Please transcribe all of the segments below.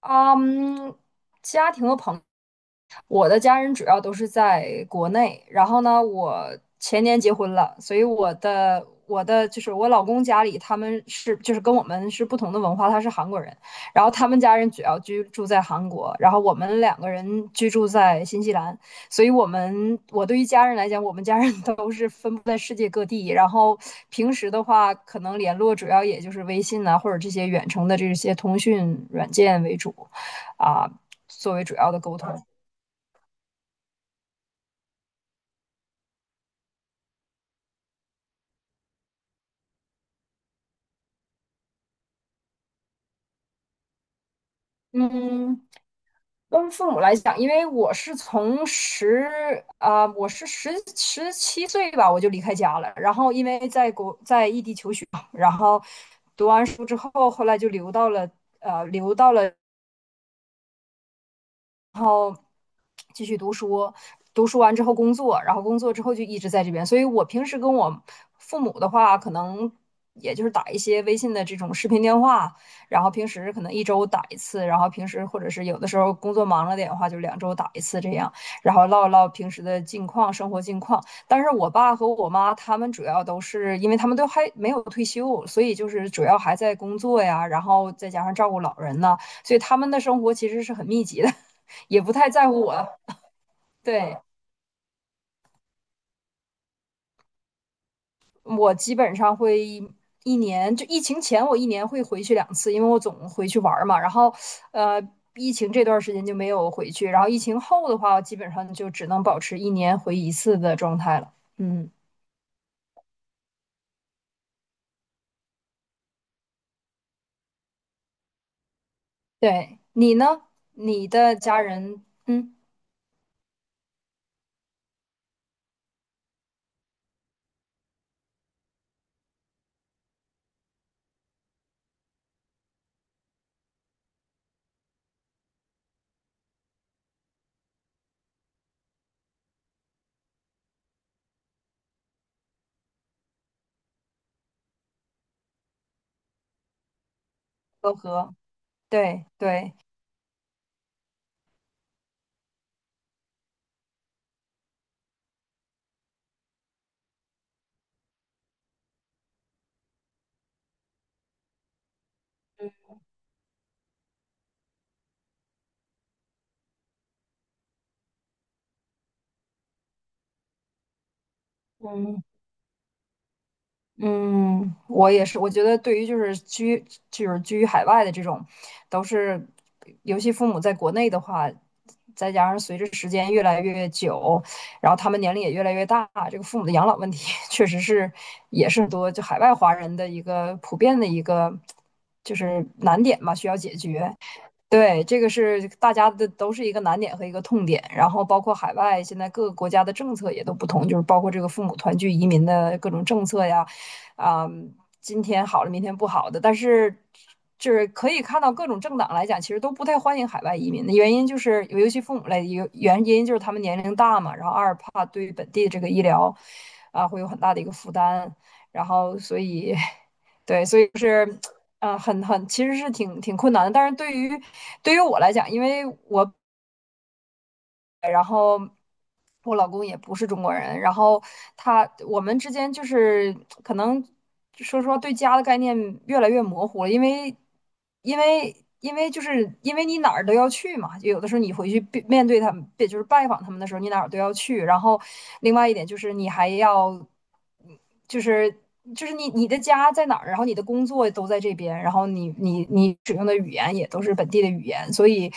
嗯，家庭和朋我的家人主要都是在国内，然后呢，我前年结婚了。所以我的我的就是我老公家里他们是就是跟我们是不同的文化，他是韩国人。然后他们家人主要居住在韩国，然后我们2个人居住在新西兰。所以我对于家人来讲，我们家人都是分布在世界各地。然后平时的话，可能联络主要也就是微信啊，或者这些远程的这些通讯软件为主，啊，作为主要的沟通。嗯，跟父母来讲，因为我是从十啊、我是十17岁吧，我就离开家了。然后因为在异地求学嘛，然后读完书之后，后来就留到了，然后继续读书。读书完之后工作，然后工作之后就一直在这边。所以我平时跟我父母的话，可能也就是打一些微信的这种视频电话。然后平时可能一周打一次，然后平时或者是有的时候工作忙了点的话，就两周打一次这样。然后唠一唠平时的近况、生活近况。但是我爸和我妈他们主要都是因为他们都还没有退休，所以就是主要还在工作呀，然后再加上照顾老人呐，所以他们的生活其实是很密集的。也不太在乎我了。对，我基本上会一年，就疫情前我一年会回去两次，因为我总回去玩儿嘛。然后，呃，疫情这段时间就没有回去。然后疫情后的话，我基本上就只能保持一年回一次的状态了。嗯，对，你呢？你的家人，嗯，都和，对对。嗯，我也是，我觉得对于就是居于海外的这种，都是。尤其父母在国内的话，再加上随着时间越来越久，然后他们年龄也越来越大，这个父母的养老问题 确实是也是很多就海外华人的一个普遍的一个就是难点吧，需要解决。对，这个是大家的都是一个难点和一个痛点。然后包括海外现在各个国家的政策也都不同，就是包括这个父母团聚移民的各种政策呀，啊、今天好了，明天不好的。但是就是可以看到各种政党来讲，其实都不太欢迎海外移民的原因就是，尤其父母来，原因就是他们年龄大嘛，然后二怕对于本地这个医疗啊会有很大的一个负担。然后所以 对，所以就是。嗯，呃很很，其实是挺困难的。但是对于我来讲，因为然后我老公也不是中国人。然后我们之间就是可能说实话对家的概念越来越模糊了。因为因为你哪儿都要去嘛，就有的时候你回去面对他们，也就是拜访他们的时候，你哪儿都要去。然后另外一点就是你还要。就是就是你的家在哪儿，然后你的工作都在这边，然后你使用的语言也都是本地的语言，所以，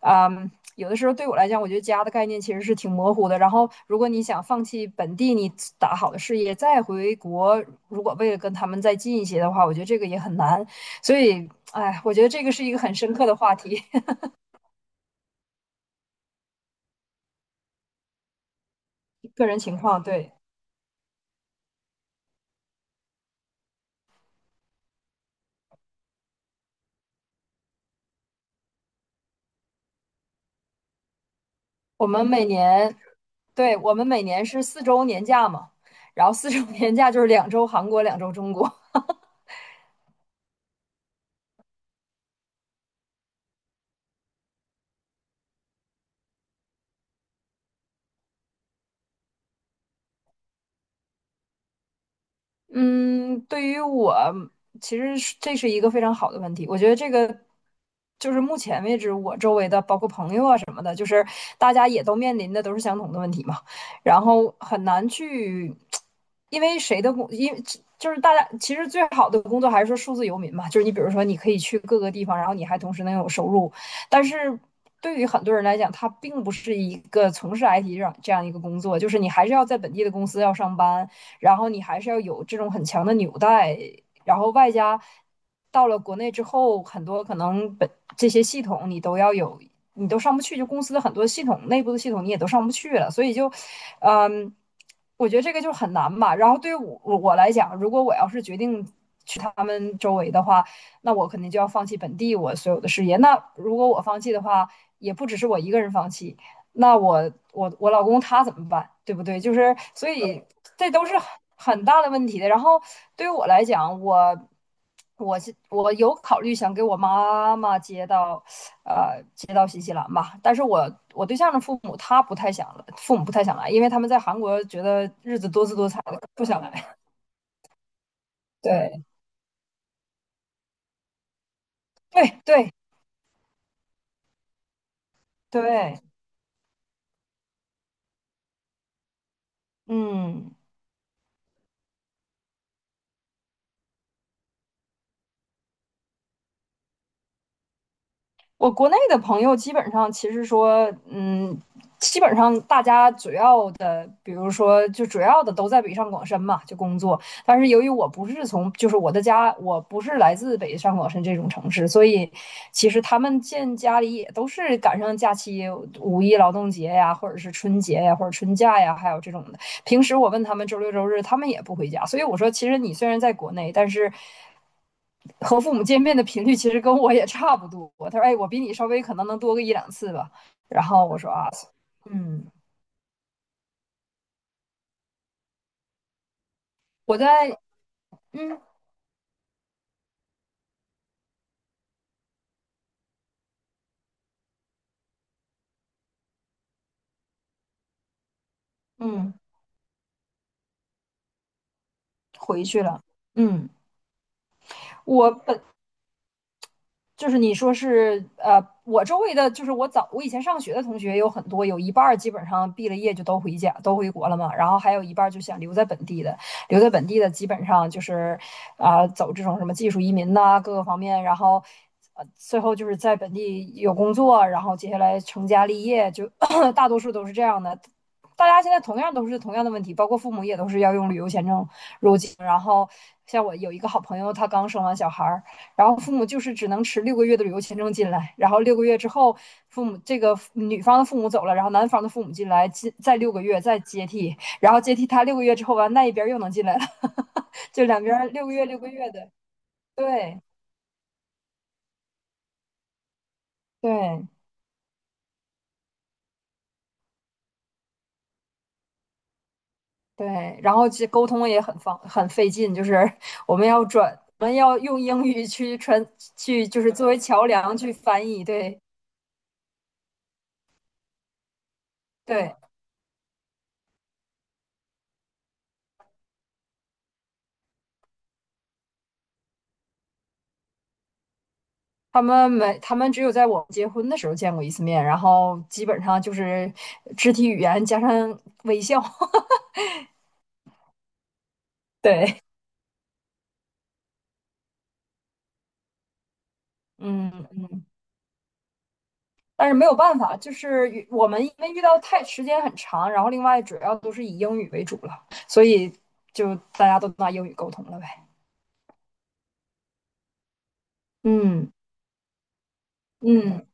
嗯，有的时候对我来讲，我觉得家的概念其实是挺模糊的。然后，如果你想放弃本地你打好的事业，再回国，如果为了跟他们再近一些的话，我觉得这个也很难。所以，哎，我觉得这个是一个很深刻的话题，个人情况。对，我们每年对，我们每年是四周年假嘛。然后四周年假就是两周韩国，两周中国。嗯，对于我，其实这是一个非常好的问题。我觉得这个就是目前为止我周围的，包括朋友啊什么的，就是大家也都面临的都是相同的问题嘛。然后很难去，因为谁的工，因为就是大家其实最好的工作还是说数字游民嘛，就是你比如说你可以去各个地方，然后你还同时能有收入。但是，对于很多人来讲，他并不是一个从事 IT 这样一个工作，就是你还是要在本地的公司要上班。然后你还是要有这种很强的纽带，然后外加到了国内之后，很多可能这些系统你都要有，你都上不去，就公司的很多系统内部的系统你也都上不去了，所以就，嗯，我觉得这个就很难吧。然后对于我来讲，如果我要是决定。去他们周围的话，那我肯定就要放弃本地我所有的事业。那如果我放弃的话，也不只是我一个人放弃，那我老公他怎么办，对不对？就是所以这都是很大的问题的。然后对于我来讲，我有考虑想给我妈妈接到，接到新西兰吧。但是我对象的父母他不太想了父母不太想来，因为他们在韩国觉得日子多姿多彩的，不想来。对对对对，嗯。我国内的朋友基本上其实说，基本上大家主要的，比如说就主要的都在北上广深嘛，就工作。但是由于我不是从，就是我的家，我不是来自北上广深这种城市，所以其实他们见家里也都是赶上假期，五一劳动节呀，或者是春节呀，或者春假呀，还有这种的。平时我问他们周六周日，他们也不回家。所以我说，其实你虽然在国内，但是和父母见面的频率其实跟我也差不多。他说：“哎，我比你稍微可能能多个一两次吧。”然后我说：“啊，嗯，我在嗯嗯回去了。”嗯，我本就是你说是我周围的就是我以前上学的同学有很多，有一半基本上毕了业就都回家都回国了嘛。然后还有一半就想留在本地的，留在本地的基本上就是走这种什么技术移民呐、各个方面。然后最后就是在本地有工作，然后接下来成家立业，就 大多数都是这样的。大家现在同样都是同样的问题，包括父母也都是要用旅游签证。然后像我有一个好朋友，他刚生完小孩儿，然后父母就是只能持六个月的旅游签证进来，然后六个月之后，父母这个女方的父母走了，然后男方的父母进来，再六个月再接替。然后接替他六个月之后完，那一边又能进来了。 就两边六个月六个月的，对对对。然后这沟通也很费劲，就是我们要用英语去传去，就是作为桥梁去翻译，对对。他们没，他们只有在我们结婚的时候见过一次面，然后基本上就是肢体语言加上微笑。对，嗯，但是没有办法，就是我们因为遇到太时间很长，然后另外主要都是以英语为主了，所以就大家都拿英语沟通了呗。嗯嗯，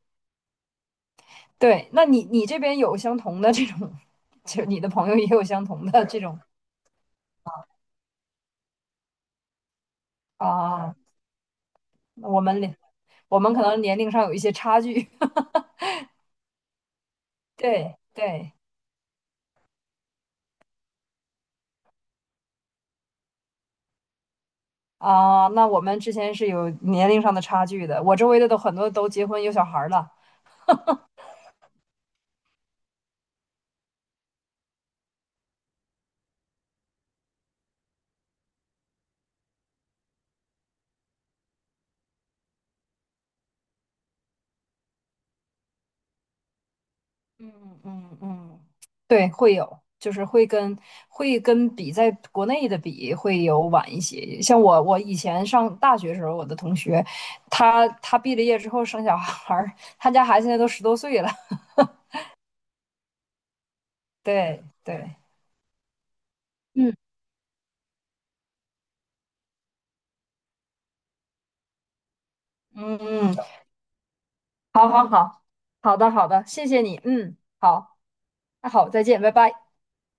对，那你这边有相同的这种，就你的朋友也有相同的这种啊？我们我们可能年龄上有一些差距。对对。啊，那我们之前是有年龄上的差距的。我周围的都很多都结婚有小孩儿了。嗯嗯嗯，对，会有，就是会跟比在国内的比会有晚一些。像我，我以前上大学时候，我的同学，他毕了业之后生小孩儿，他家孩子现在都10多岁了。对对，嗯嗯嗯，好好好，好的好的，谢谢你，嗯，好，那好，再见，拜拜。